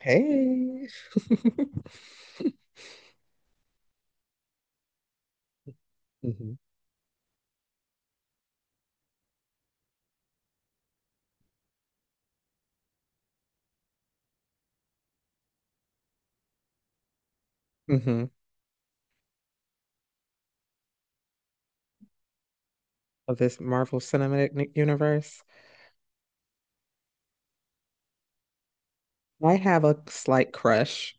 Hey. Hmm. Hmm. Of this Marvel Cinematic Universe. I have a slight crush,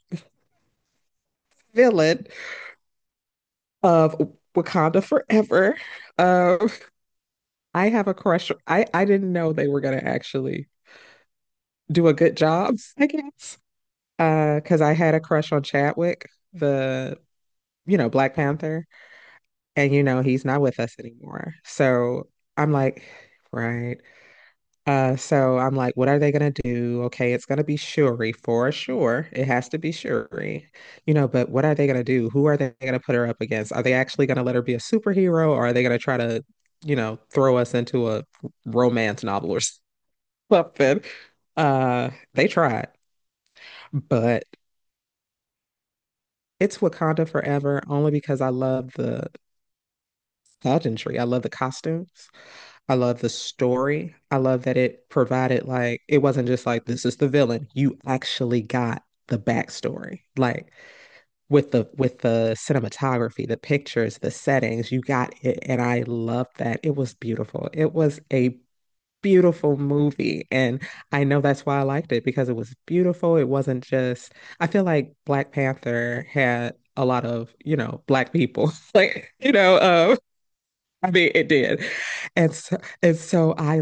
villain of Wakanda Forever. Um, I have a crush. I didn't know they were gonna actually do a good job, I guess. Because I had a crush on Chadwick, the Black Panther, and he's not with us anymore. So I'm like, right. So I'm like, what are they gonna do? Okay, it's gonna be Shuri for sure. It has to be Shuri, but what are they gonna do? Who are they gonna put her up against? Are they actually gonna let her be a superhero, or are they gonna try to, throw us into a romance novel or something? They tried, but it's Wakanda Forever only because I love the pageantry. I love the costumes. I love the story. I love that it provided, like, it wasn't just like this is the villain. You actually got the backstory. Like with the cinematography, the pictures, the settings, you got it. And I love that. It was beautiful. It was a beautiful movie. And I know that's why I liked it, because it was beautiful. It wasn't just, I feel like Black Panther had a lot of, black people. Like, I mean, it did. And so, and so I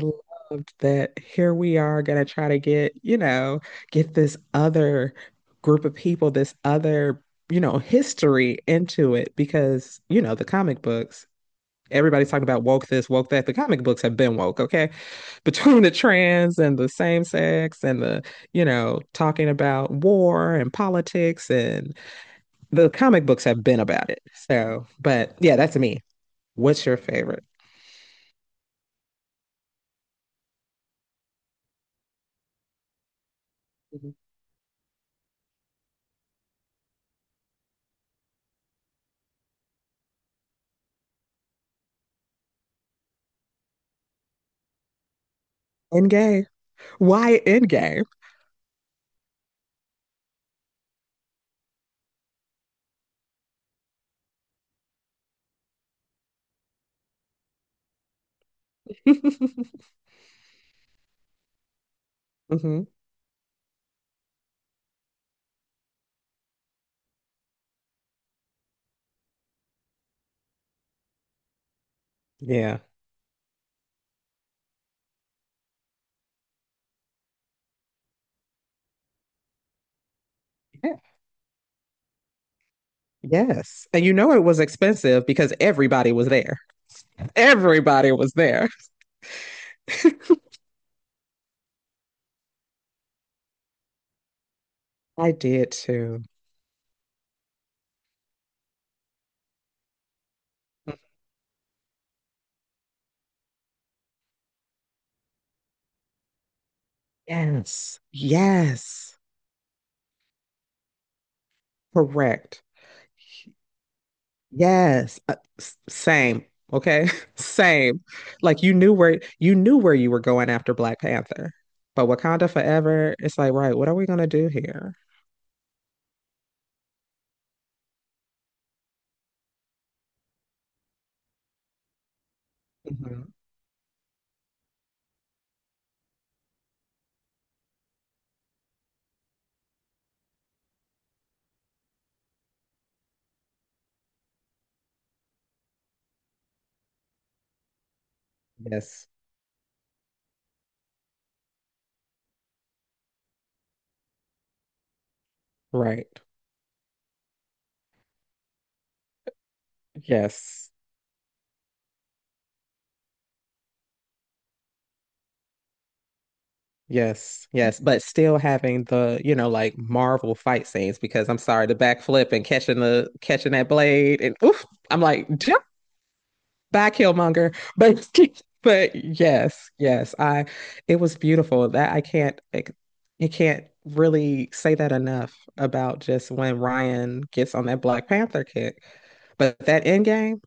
loved that here we are gonna try to get, get this other group of people, this other, history into it, because, the comic books, everybody's talking about woke this, woke that. The comic books have been woke, okay? Between the trans and the same sex and the, talking about war and politics, and the comic books have been about it. So, but yeah, that's me. What's your favorite? Mhm. End game. Why end game? Hmm. Yeah. Yeah. Yes. And you know it was expensive because everybody was there. Everybody was there. I did too. Yes. Yes. Correct. Yes, same. Okay, same. Like you knew where, you knew where you were going after Black Panther, but Wakanda Forever, it's like, right, what are we gonna do here? Mhm. Yes, right. Yes, yes, yes. But still having the, you know, like Marvel fight scenes, because I'm sorry, the backflip and catching the, catching that blade and oof, I'm like, by Killmonger. But but yes, yes, I, it was beautiful. That I can't, it, you can't really say that enough about just when Ryan gets on that Black Panther kick. But that end game,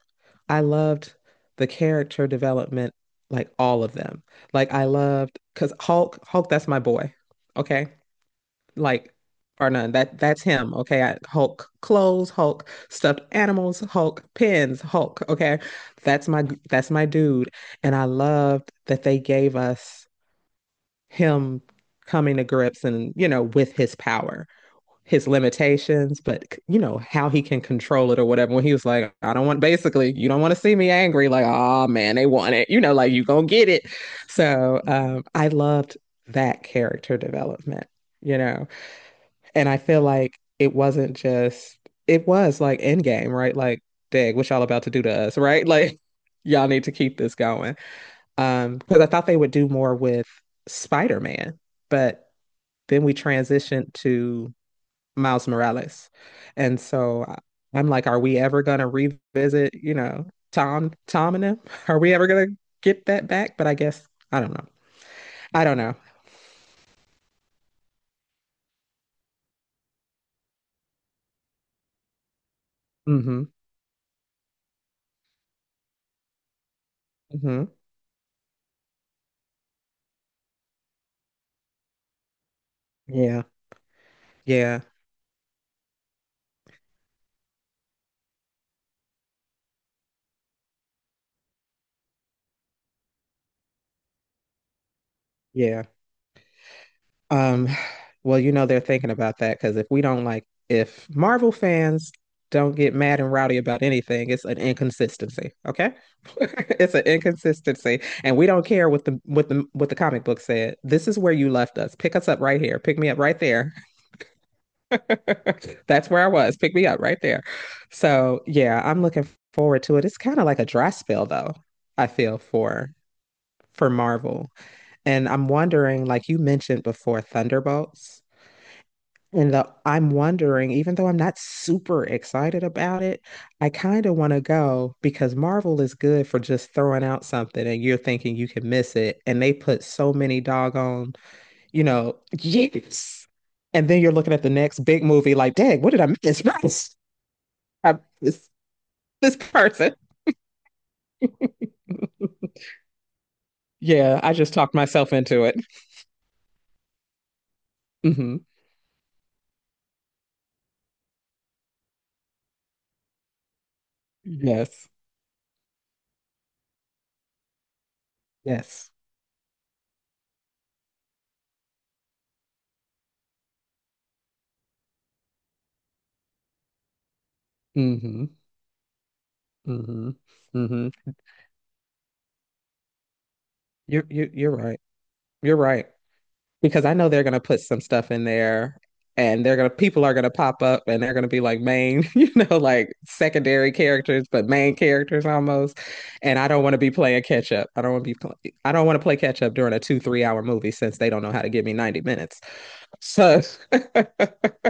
I loved the character development, like all of them. Like I loved, because Hulk, Hulk, that's my boy. Okay, like or none. That's him. Okay. Hulk clothes, Hulk stuffed animals, Hulk pins, Hulk. Okay. That's my, dude. And I loved that they gave us him coming to grips and, you know, with his power, his limitations, but you know, how he can control it or whatever. When he was like, I don't want, basically, you don't want to see me angry, like, oh man, they want it. You know, like you gonna get it. So I loved that character development, you know. And I feel like it wasn't just, it was like Endgame, right? Like, dang, what y'all about to do to us, right? Like, y'all need to keep this going. Because I thought they would do more with Spider-Man, but then we transitioned to Miles Morales. And so I'm like, are we ever gonna revisit, you know, Tom and them? Are we ever gonna get that back? But I guess I don't know. I don't know. Mm-hmm. Mm-hmm. Yeah. Yeah. Yeah. Um, well, you know they're thinking about that, because if we don't, like, if Marvel fans don't get mad and rowdy about anything, it's an inconsistency. Okay, it's an inconsistency, and we don't care what the what the comic book said. This is where you left us. Pick us up right here. Pick me up right there. That's where I was. Pick me up right there. So yeah, I'm looking forward to it. It's kind of like a dry spell, though. I feel for Marvel, and I'm wondering, like you mentioned before, Thunderbolts. I'm wondering, even though I'm not super excited about it, I kind of want to go, because Marvel is good for just throwing out something and you're thinking you can miss it. And they put so many doggone, yes. And then you're looking at the next big movie like, dang, what did I miss? I missed this person. Yeah, I just talked myself into it. Hmm. Yes. Yes. Hmm. Hmm. Hmm. You're right. You're right. Because I know they're going to put some stuff in there, and they're going to people are going to pop up and they're going to be like main, you know, like secondary characters but main characters almost. And I don't want to be playing catch up. I don't want to play catch up during a 2-3 hour movie, since they don't know how to give me 90 minutes. So so I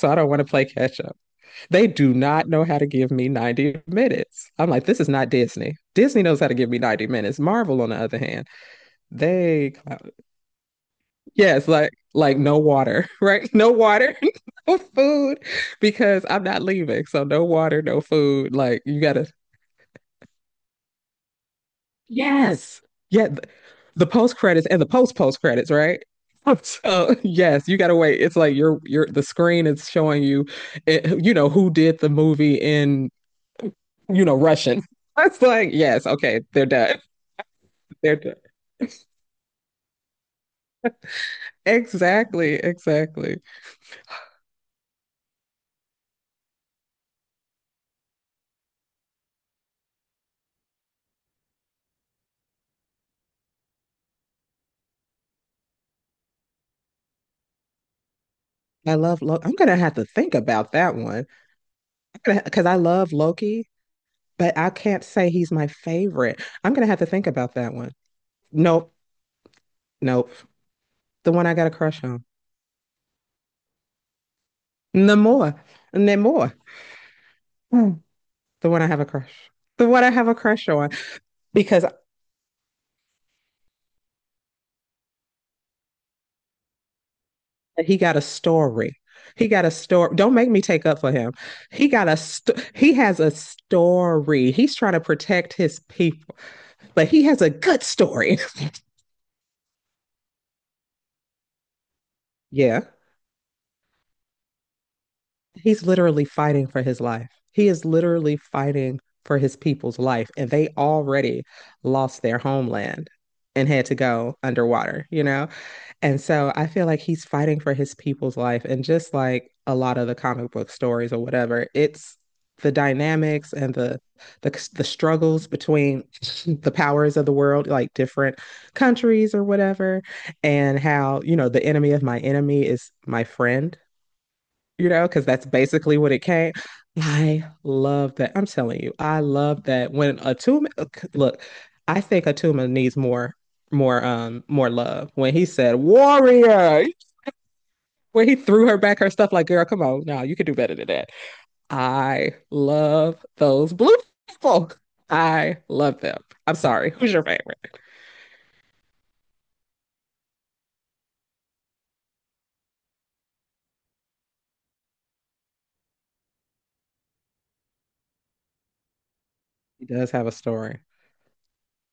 don't want to play catch up. They do not know how to give me 90 minutes. I'm like, this is not Disney. Disney knows how to give me 90 minutes. Marvel on the other hand, they, yes, like no water, right? No water, no food, because I'm not leaving. So no water, no food. Like you gotta, yes, yeah. The post credits and the post post credits, right? So yes, you gotta wait. It's like you're, the screen is showing you, it, who did the movie in, Russian. It's like yes, okay, they're done. They're done. Exactly, exactly. I love Loki. I'm gonna have to think about that one. I'm gonna, because I love Loki, but I can't say he's my favorite. I'm gonna have to think about that one. Nope, nope. The one I got a crush on. Namor. Namor. Hmm. The one I have a crush. The one I have a crush on. Because he got a story. He got a story. Don't make me take up for him. He got a he has a story. He's trying to protect his people, but he has a good story. Yeah. He's literally fighting for his life. He is literally fighting for his people's life, and they already lost their homeland and had to go underwater, you know? And so I feel like he's fighting for his people's life. And just like a lot of the comic book stories or whatever, it's the dynamics and the, struggles between the powers of the world, like different countries or whatever, and how, you know, the enemy of my enemy is my friend, because that's basically what it came. I love that. I'm telling you, I love that when Atuma, look, I think Atuma needs more, more love. When he said warrior, when he threw her back her stuff, like, girl, come on, no, you can do better than that. I love those blue people. I love them. I'm sorry. Who's your favorite? He does have a story.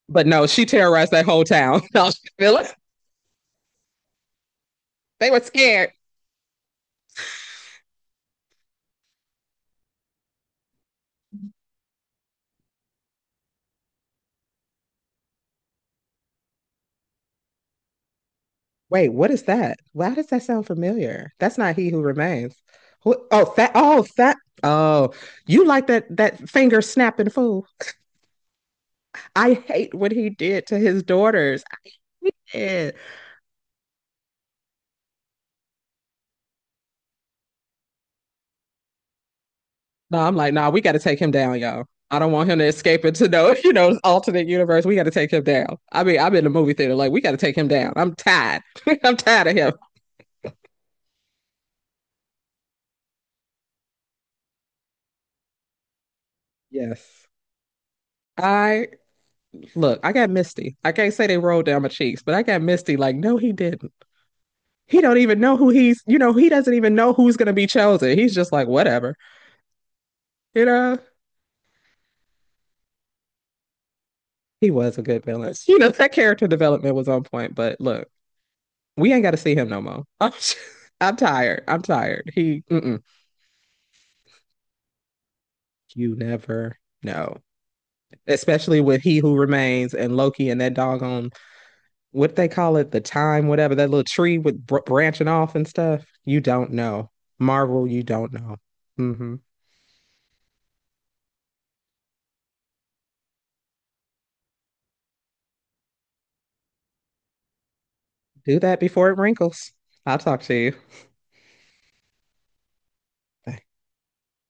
But no, she terrorized that whole town. No, they were scared. Wait, what is that? Why does that sound familiar? That's not He Who Remains. Who, oh, that. Oh, that. Oh, you like that finger snapping fool? I hate what he did to his daughters. I hate it. No, I'm like, nah, we got to take him down, y'all. I don't want him to escape into no, you know, alternate universe. We got to take him down. I mean, I'm in the movie theater, like we got to take him down. I'm tired. I'm tired of him. Yes. I look, I got misty. I can't say they rolled down my cheeks, but I got misty. Like, no, he didn't. He don't even know who he doesn't even know who's going to be chosen. He's just like, whatever, you know. He was a good villain. You know, that character development was on point. But look, we ain't got to see him no more. I'm tired. I'm tired. He, mm-mm. You never know, especially with He Who Remains and Loki and that doggone, what they call it, the time, whatever, that little tree with branching off and stuff. You don't know, Marvel. You don't know. Mm-hmm. Do that before it wrinkles. I'll talk to you. Bye.